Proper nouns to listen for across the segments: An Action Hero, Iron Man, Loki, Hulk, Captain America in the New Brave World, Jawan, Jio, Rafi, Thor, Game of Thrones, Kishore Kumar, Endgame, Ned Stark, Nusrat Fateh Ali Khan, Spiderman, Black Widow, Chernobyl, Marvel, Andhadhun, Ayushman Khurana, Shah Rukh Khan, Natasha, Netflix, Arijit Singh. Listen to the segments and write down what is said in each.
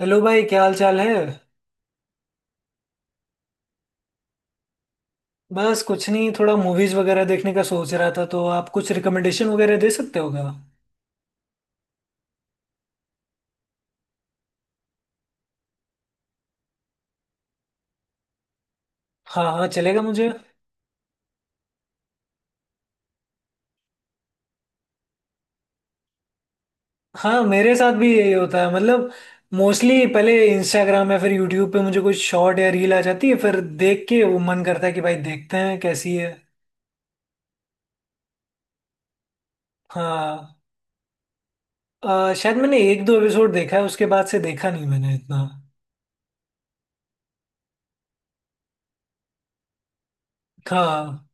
Hello भाई, क्या हाल चाल है। बस कुछ नहीं, थोड़ा मूवीज वगैरह देखने का सोच रहा था, तो आप कुछ रिकमेंडेशन वगैरह दे सकते हो क्या। हाँ हाँ, चलेगा मुझे। हाँ, मेरे साथ भी यही होता है। मतलब मोस्टली पहले इंस्टाग्राम या फिर यूट्यूब पे मुझे कोई शॉर्ट या रील आ जाती है, फिर देख के वो मन करता है कि भाई देखते हैं कैसी है। हाँ। शायद मैंने एक दो एपिसोड देखा है, उसके बाद से देखा नहीं मैंने इतना। हाँ।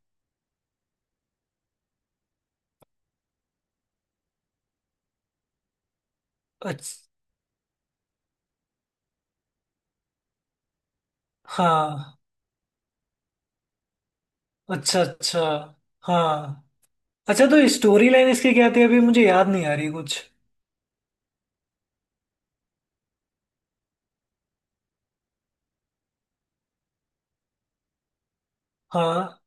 अच्छा। हाँ। अच्छा अच्छा। हाँ। अच्छा, तो स्टोरी लाइन इसकी क्या थी, अभी मुझे याद नहीं आ रही कुछ। हाँ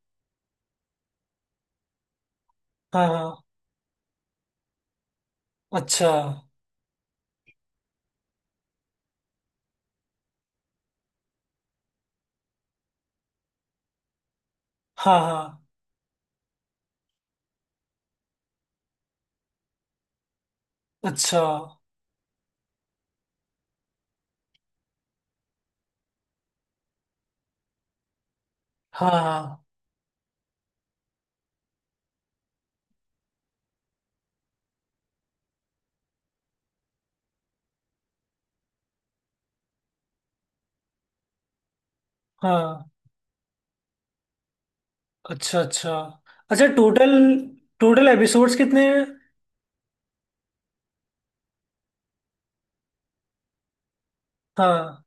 हाँ। हाँ। अच्छा। हाँ हाँ। अच्छा। हाँ हाँ हाँ। अच्छा अच्छा। अच्छा, टोटल टोटल एपिसोड्स कितने हैं। हाँ।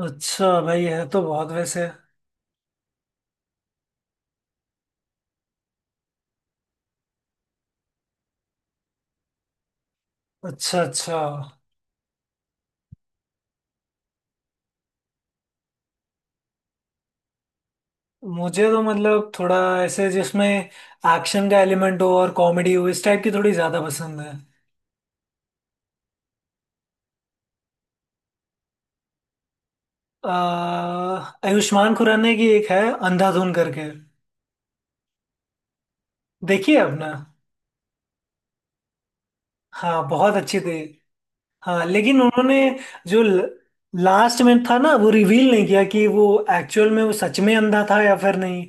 अच्छा, भाई है तो बहुत वैसे। अच्छा अच्छा। मुझे तो मतलब थोड़ा ऐसे जिसमें एक्शन का एलिमेंट हो और कॉमेडी हो, इस टाइप की थोड़ी ज्यादा पसंद है। आ, आयुष्मान खुराना की एक है, अंधाधुन करके। देखिए आपने। हाँ, बहुत अच्छी थी। हाँ, लेकिन उन्होंने जो लास्ट में था ना, वो रिवील नहीं किया कि वो एक्चुअल में वो सच में अंधा था या फिर नहीं।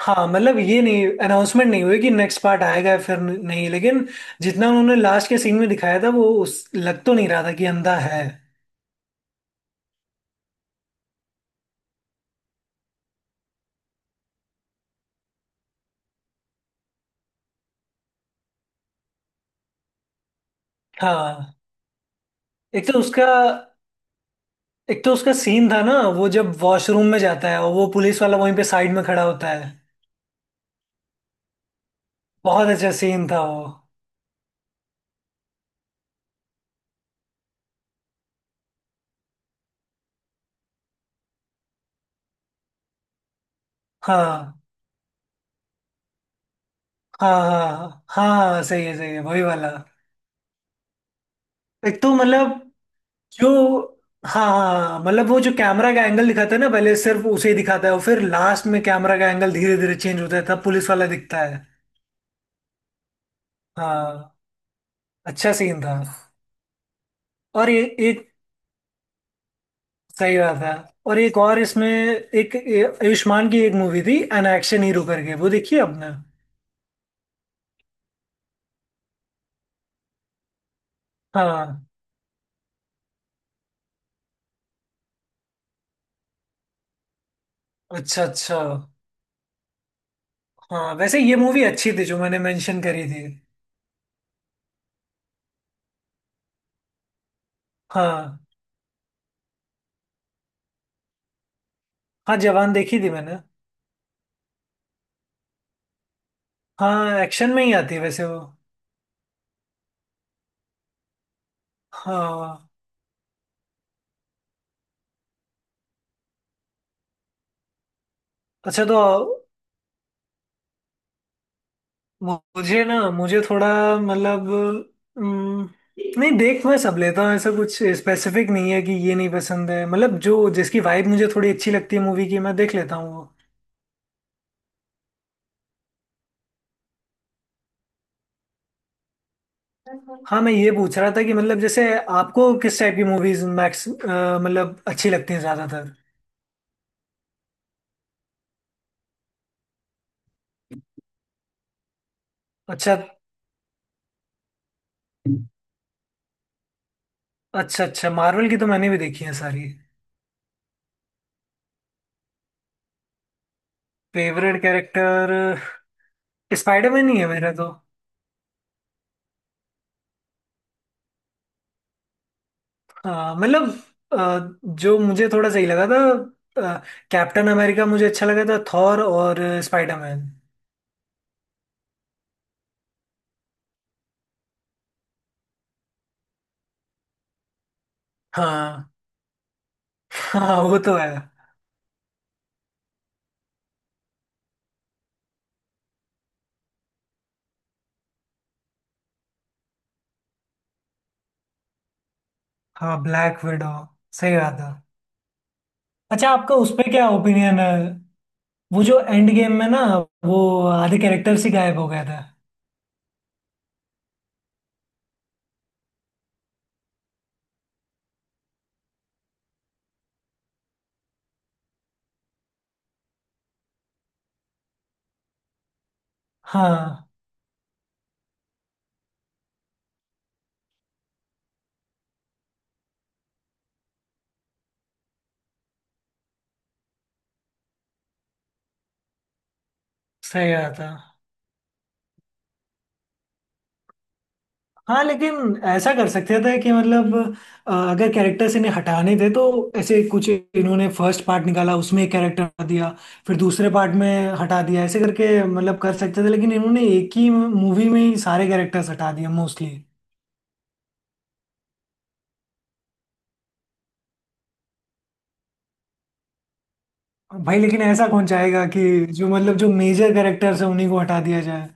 हाँ मतलब ये नहीं, अनाउंसमेंट नहीं हुई कि नेक्स्ट पार्ट आएगा या फिर नहीं, लेकिन जितना उन्होंने लास्ट के सीन में दिखाया था, वो उस लग तो नहीं रहा था कि अंधा है। हाँ। एक तो उसका सीन था ना, वो जब वॉशरूम में जाता है और वो पुलिस वाला वहीं पे साइड में खड़ा होता है। बहुत अच्छा सीन था वो। हाँ हाँ हाँ हाँ हाँ, सही है, सही है, वही वाला। एक तो मतलब जो हाँ हाँ, हाँ, मतलब वो जो कैमरा का एंगल दिखाता है ना, पहले सिर्फ उसे ही दिखाता है और फिर लास्ट में कैमरा का एंगल धीरे धीरे चेंज होता है, तब पुलिस वाला दिखता है। हाँ। अच्छा सीन था। और ये एक सही बात है। और एक और इसमें, एक आयुष्मान की एक मूवी थी एन एक्शन हीरो करके, वो देखी है आपने। हाँ। अच्छा अच्छा। हाँ वैसे ये मूवी अच्छी थी जो मैंने मेंशन करी थी। हाँ। हाँ, जवान देखी थी मैंने। हाँ, एक्शन में ही आती है वैसे वो। हाँ। अच्छा तो मुझे थोड़ा मतलब अम, नहीं, देख मैं सब लेता हूँ। ऐसा कुछ स्पेसिफिक नहीं है कि ये नहीं पसंद है। मतलब जो जिसकी वाइब मुझे थोड़ी अच्छी लगती है मूवी की, मैं देख लेता हूँ वो। हाँ मैं ये पूछ रहा था कि मतलब जैसे आपको किस टाइप की मूवीज मैक्स, मतलब अच्छी लगती हैं ज्यादातर। अच्छा। अच्छा अच्छा, मार्वल की तो मैंने भी देखी है सारी। फेवरेट कैरेक्टर स्पाइडरमैन ही है मेरा तो। आ, मतलब आ, जो मुझे थोड़ा सही लगा था, कैप्टन अमेरिका मुझे अच्छा लगा था, थॉर और स्पाइडरमैन। हाँ। हाँ वो तो है। हाँ, ब्लैक विडो, सही बात है। अच्छा आपका उस पे क्या ओपिनियन है, वो जो एंड गेम में ना, वो आधे कैरेक्टर्स ही गायब हो गया था। हाँ। सही बात है। हाँ, लेकिन ऐसा कर सकते थे कि मतलब अगर कैरेक्टर्स इन्हें हटाने थे, तो ऐसे कुछ इन्होंने फर्स्ट पार्ट निकाला उसमें एक कैरेक्टर दिया, फिर दूसरे पार्ट में हटा दिया, ऐसे करके मतलब कर सकते थे। लेकिन इन्होंने एक ही मूवी में ही सारे कैरेक्टर्स हटा दिए मोस्टली। भाई लेकिन ऐसा कौन चाहेगा कि जो मतलब जो मेजर कैरेक्टर्स हैं उन्हीं को हटा दिया जाए।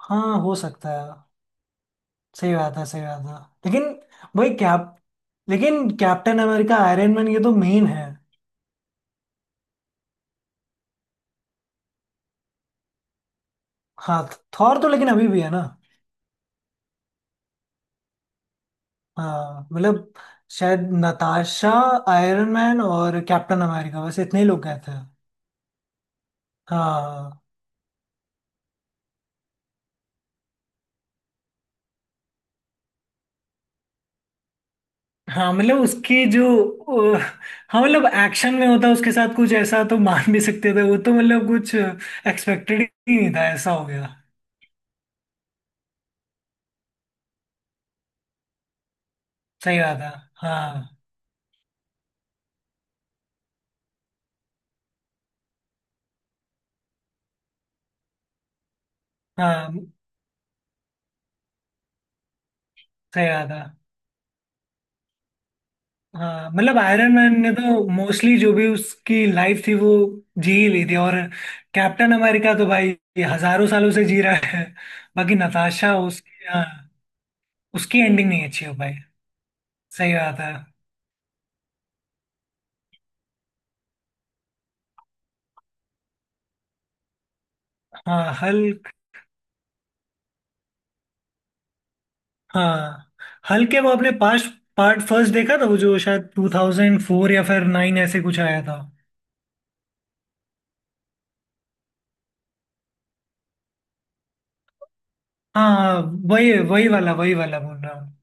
हाँ हो सकता है। सही बात है, सही बात है, लेकिन भाई कैप लेकिन कैप्टन अमेरिका, आयरन मैन, ये तो मेन है। हाँ, थॉर तो लेकिन अभी भी है ना। हाँ मतलब शायद नताशा, आयरन मैन और कैप्टन अमेरिका, बस इतने ही लोग गए थे। हाँ। हाँ मतलब उसकी जो अ, हाँ मतलब एक्शन में होता उसके साथ कुछ ऐसा तो मान भी सकते थे, वो तो मतलब कुछ एक्सपेक्टेड ही नहीं था ऐसा हो गया। सही बात है। हाँ। हाँ, सही बात है। हाँ मतलब आयरन मैन ने तो मोस्टली जो भी उसकी लाइफ थी वो जी ही ली थी, और कैप्टन अमेरिका तो भाई ये हजारों सालों से जी रहा है। बाकी नताशा, उसकी, हाँ उसकी एंडिंग नहीं अच्छी हो पाई। सही बात है। हाँ। हल्क। हाँ हल्क के वो अपने पास पार्ट फर्स्ट देखा था, वो जो शायद 2004 या फिर 9, ऐसे कुछ आया था। हाँ, वही वही वाला बोल रहा हूँ।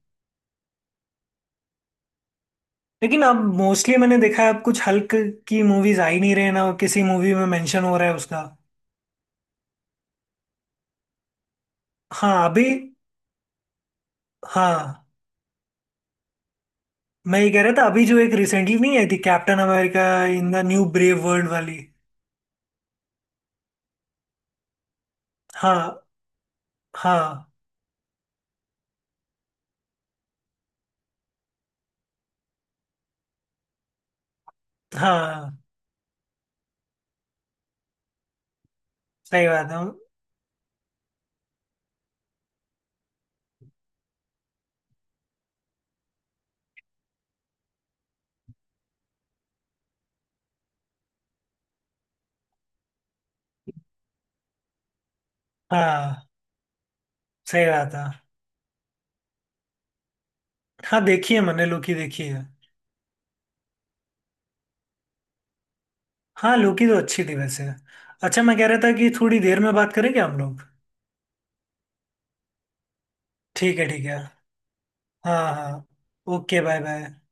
लेकिन अब मोस्टली मैंने देखा है, अब कुछ हल्क की मूवीज आ ही नहीं रहे ना किसी मूवी में मेंशन हो रहा है उसका। हाँ अभी। हाँ मैं ये कह रहा था अभी जो एक रिसेंटली नहीं आई थी, Captain America in the new brave world वाली। हाँ हाँ। हाँ सही बात है। हाँ। सही बात है। हाँ, देखी है मैंने, लोकी देखी है। हाँ लोकी तो अच्छी थी वैसे। अच्छा मैं कह रहा था कि थोड़ी देर में बात करें क्या हम लोग। ठीक है ठीक है। हाँ हाँ। Okay, bye bye.